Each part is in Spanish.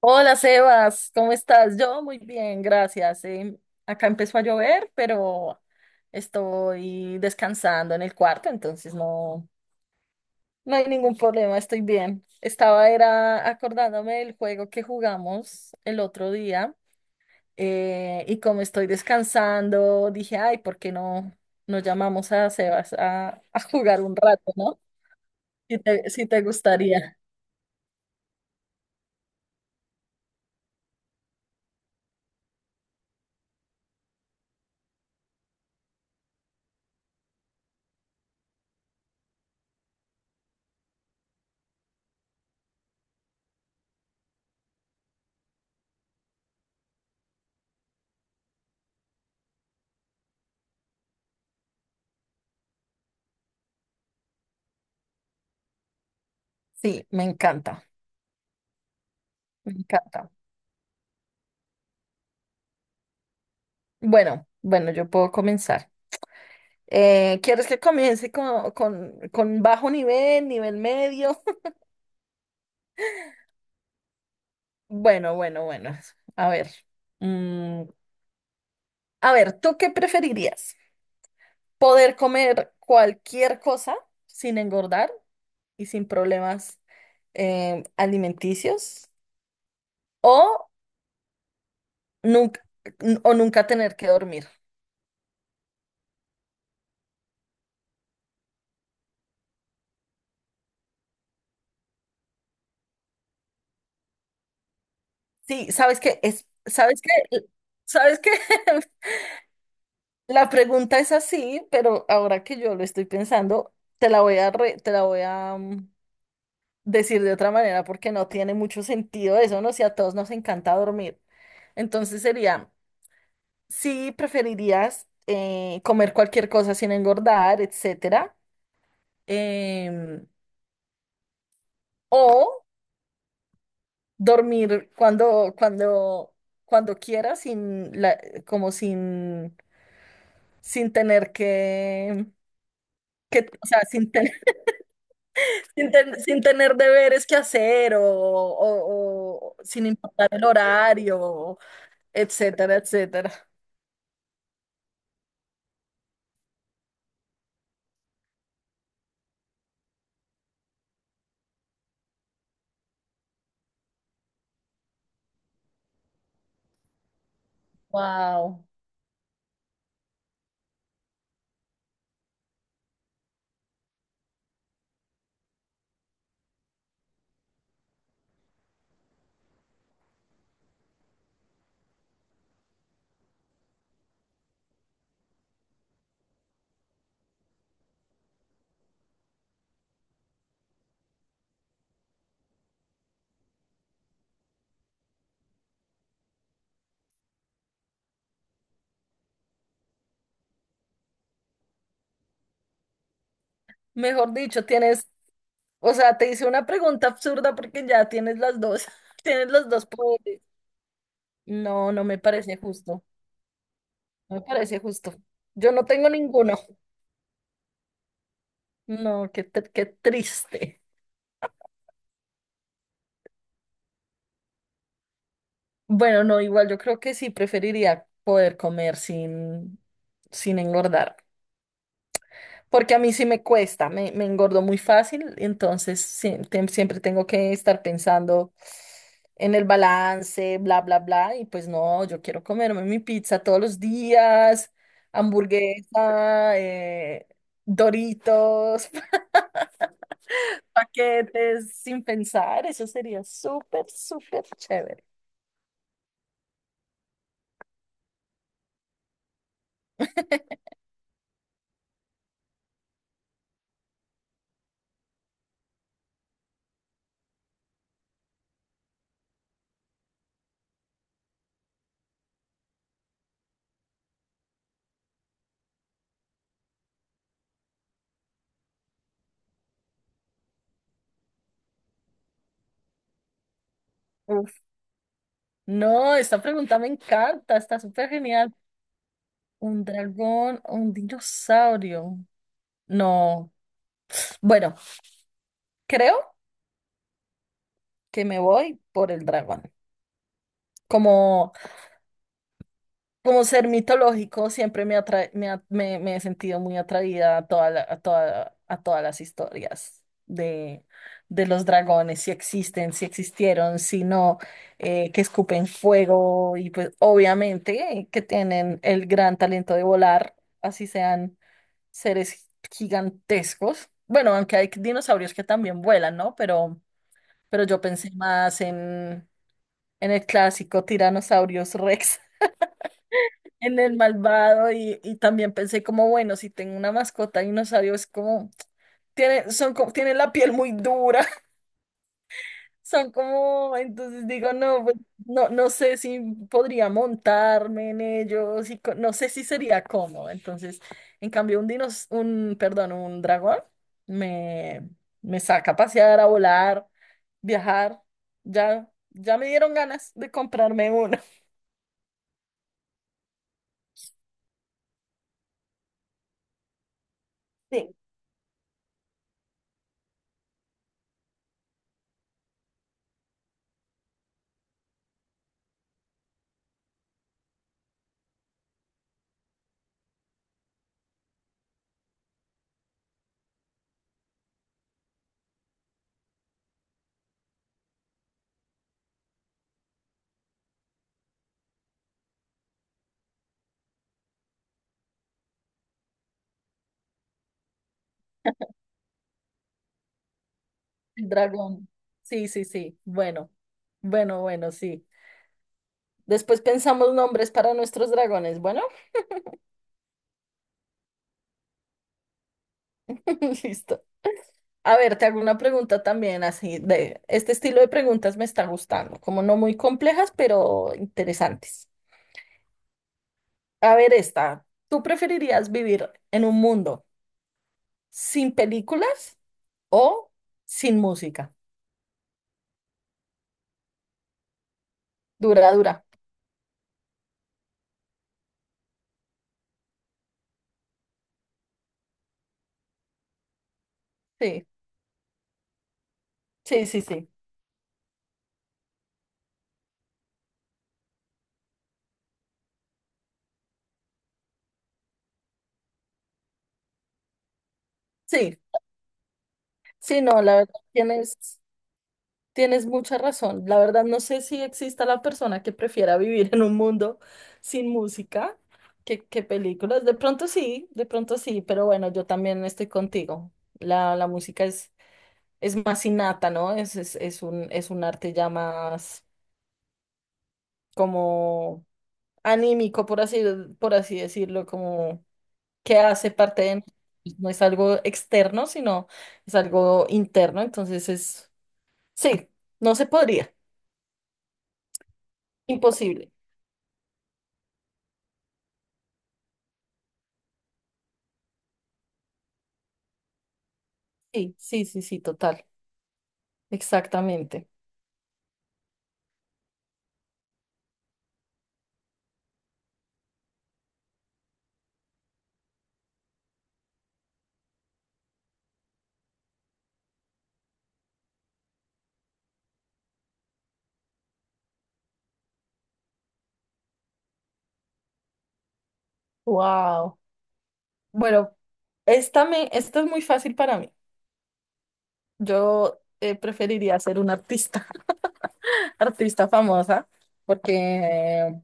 Hola Sebas, ¿cómo estás? Yo muy bien, gracias. Acá empezó a llover, pero estoy descansando en el cuarto, entonces no, no hay ningún problema, estoy bien. Estaba era acordándome del juego que jugamos el otro día, y como estoy descansando, dije, ay, ¿por qué no nos llamamos a Sebas a jugar un rato, ¿no? Si te gustaría. Sí, me encanta, me encanta. Bueno, bueno, yo puedo comenzar. ¿Quieres que comience con bajo nivel, nivel medio? Bueno, bueno, bueno. A ver. Mm, a ver, ¿tú qué preferirías? ¿Poder comer cualquier cosa sin engordar y sin problemas alimenticios? ¿O nunca, nunca tener que dormir? Sí, sabes que es, sabes que la pregunta es así, pero ahora que yo lo estoy pensando, te la voy a decir de otra manera porque no tiene mucho sentido eso, ¿no? Si a todos nos encanta dormir. Entonces sería, si preferirías comer cualquier cosa sin engordar, etcétera, em, o dormir cuando quieras, sin la, como sin tener que o sea, sin tener, sin tener deberes que hacer o, o sin importar el horario. Etcétera, etcétera. Wow. Mejor dicho, tienes, o sea, te hice una pregunta absurda porque ya tienes las dos, tienes los dos poderes. No, no me parece justo, no me parece justo. Yo no tengo ninguno. No, qué triste. Bueno, no, igual yo creo que sí preferiría poder comer sin engordar. Porque a mí sí me cuesta, me engordo muy fácil, entonces sí, siempre tengo que estar pensando en el balance, bla, bla, bla, y pues no, yo quiero comerme mi pizza todos los días, hamburguesa, Doritos, paquetes, sin pensar, eso sería súper, súper chévere. Uf. No, esta pregunta me encanta, está súper genial. ¿Un dragón o un dinosaurio? No. Bueno, creo que me voy por el dragón. Como, como ser mitológico, siempre me, atrae- me, ha- me- me he sentido muy atraída a, toda la- a, toda- a todas las historias de los dragones, si existen, si existieron, si no, que escupen fuego y pues obviamente que tienen el gran talento de volar, así sean seres gigantescos. Bueno, aunque hay dinosaurios que también vuelan, ¿no? Pero yo pensé más en el clásico Tiranosaurios Rex, en el malvado y también pensé como, bueno, si tengo una mascota dinosaurio es como, tienen la piel muy dura, son como, entonces digo, no, pues, no, no sé si podría montarme en ellos y no sé si sería cómodo, entonces, en cambio un, perdón, un dragón me, me saca a pasear, a volar, viajar, ya, ya me dieron ganas de comprarme uno. Dragón. Sí, sí, sí. Bueno, bueno, bueno, sí. Después pensamos nombres para nuestros dragones. Bueno, listo. A ver, te hago una pregunta también. Así de este estilo de preguntas me está gustando, como no muy complejas, pero interesantes. A ver, esta. ¿Tú preferirías vivir en un mundo sin películas o sin música? Dura, dura. Sí, sí, sí, sí. Sí, sí, no, la verdad, tienes. Tienes mucha razón. La verdad, no sé si exista la persona que prefiera vivir en un mundo sin música que películas. De pronto sí, pero bueno, yo también estoy contigo. La música es más innata, ¿no? Es un arte ya más como anímico, por así decirlo, como que hace parte de nosotros. No es algo externo, sino es algo interno. Entonces es, sí, no se podría. Imposible. Sí, sí, sí, sí, total, exactamente. Wow. Bueno, esta es muy fácil para mí. Yo, preferiría ser una artista, artista famosa, porque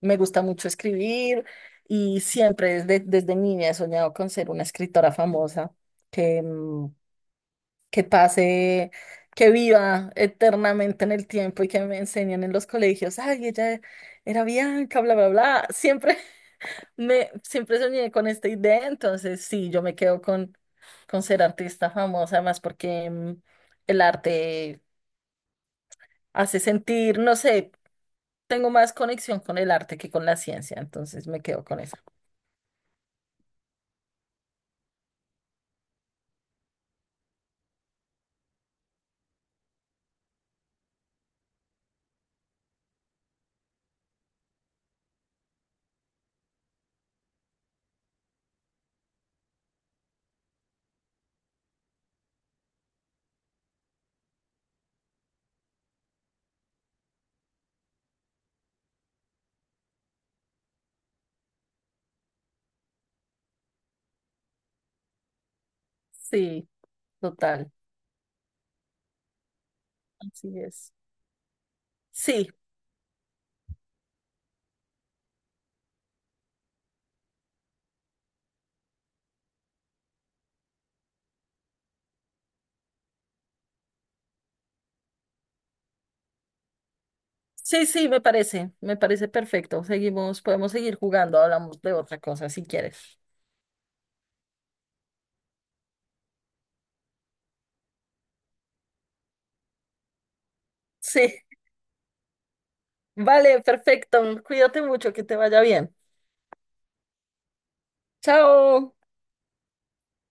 me gusta mucho escribir y siempre desde niña he soñado con ser una escritora famosa que, mm, que pase, que viva eternamente en el tiempo y que me enseñen en los colegios. Ay, ella era Bianca, bla, bla, bla. Siempre. Me siempre soñé con esta idea, entonces sí, yo me quedo con ser artista famosa, más porque el arte hace sentir, no sé, tengo más conexión con el arte que con la ciencia, entonces me quedo con eso. Sí, total, así es. Sí, sí, sí, me parece perfecto. Seguimos, podemos seguir jugando, hablamos de otra cosa si quieres. Sí, vale, perfecto. Cuídate mucho, que te vaya bien. Chao.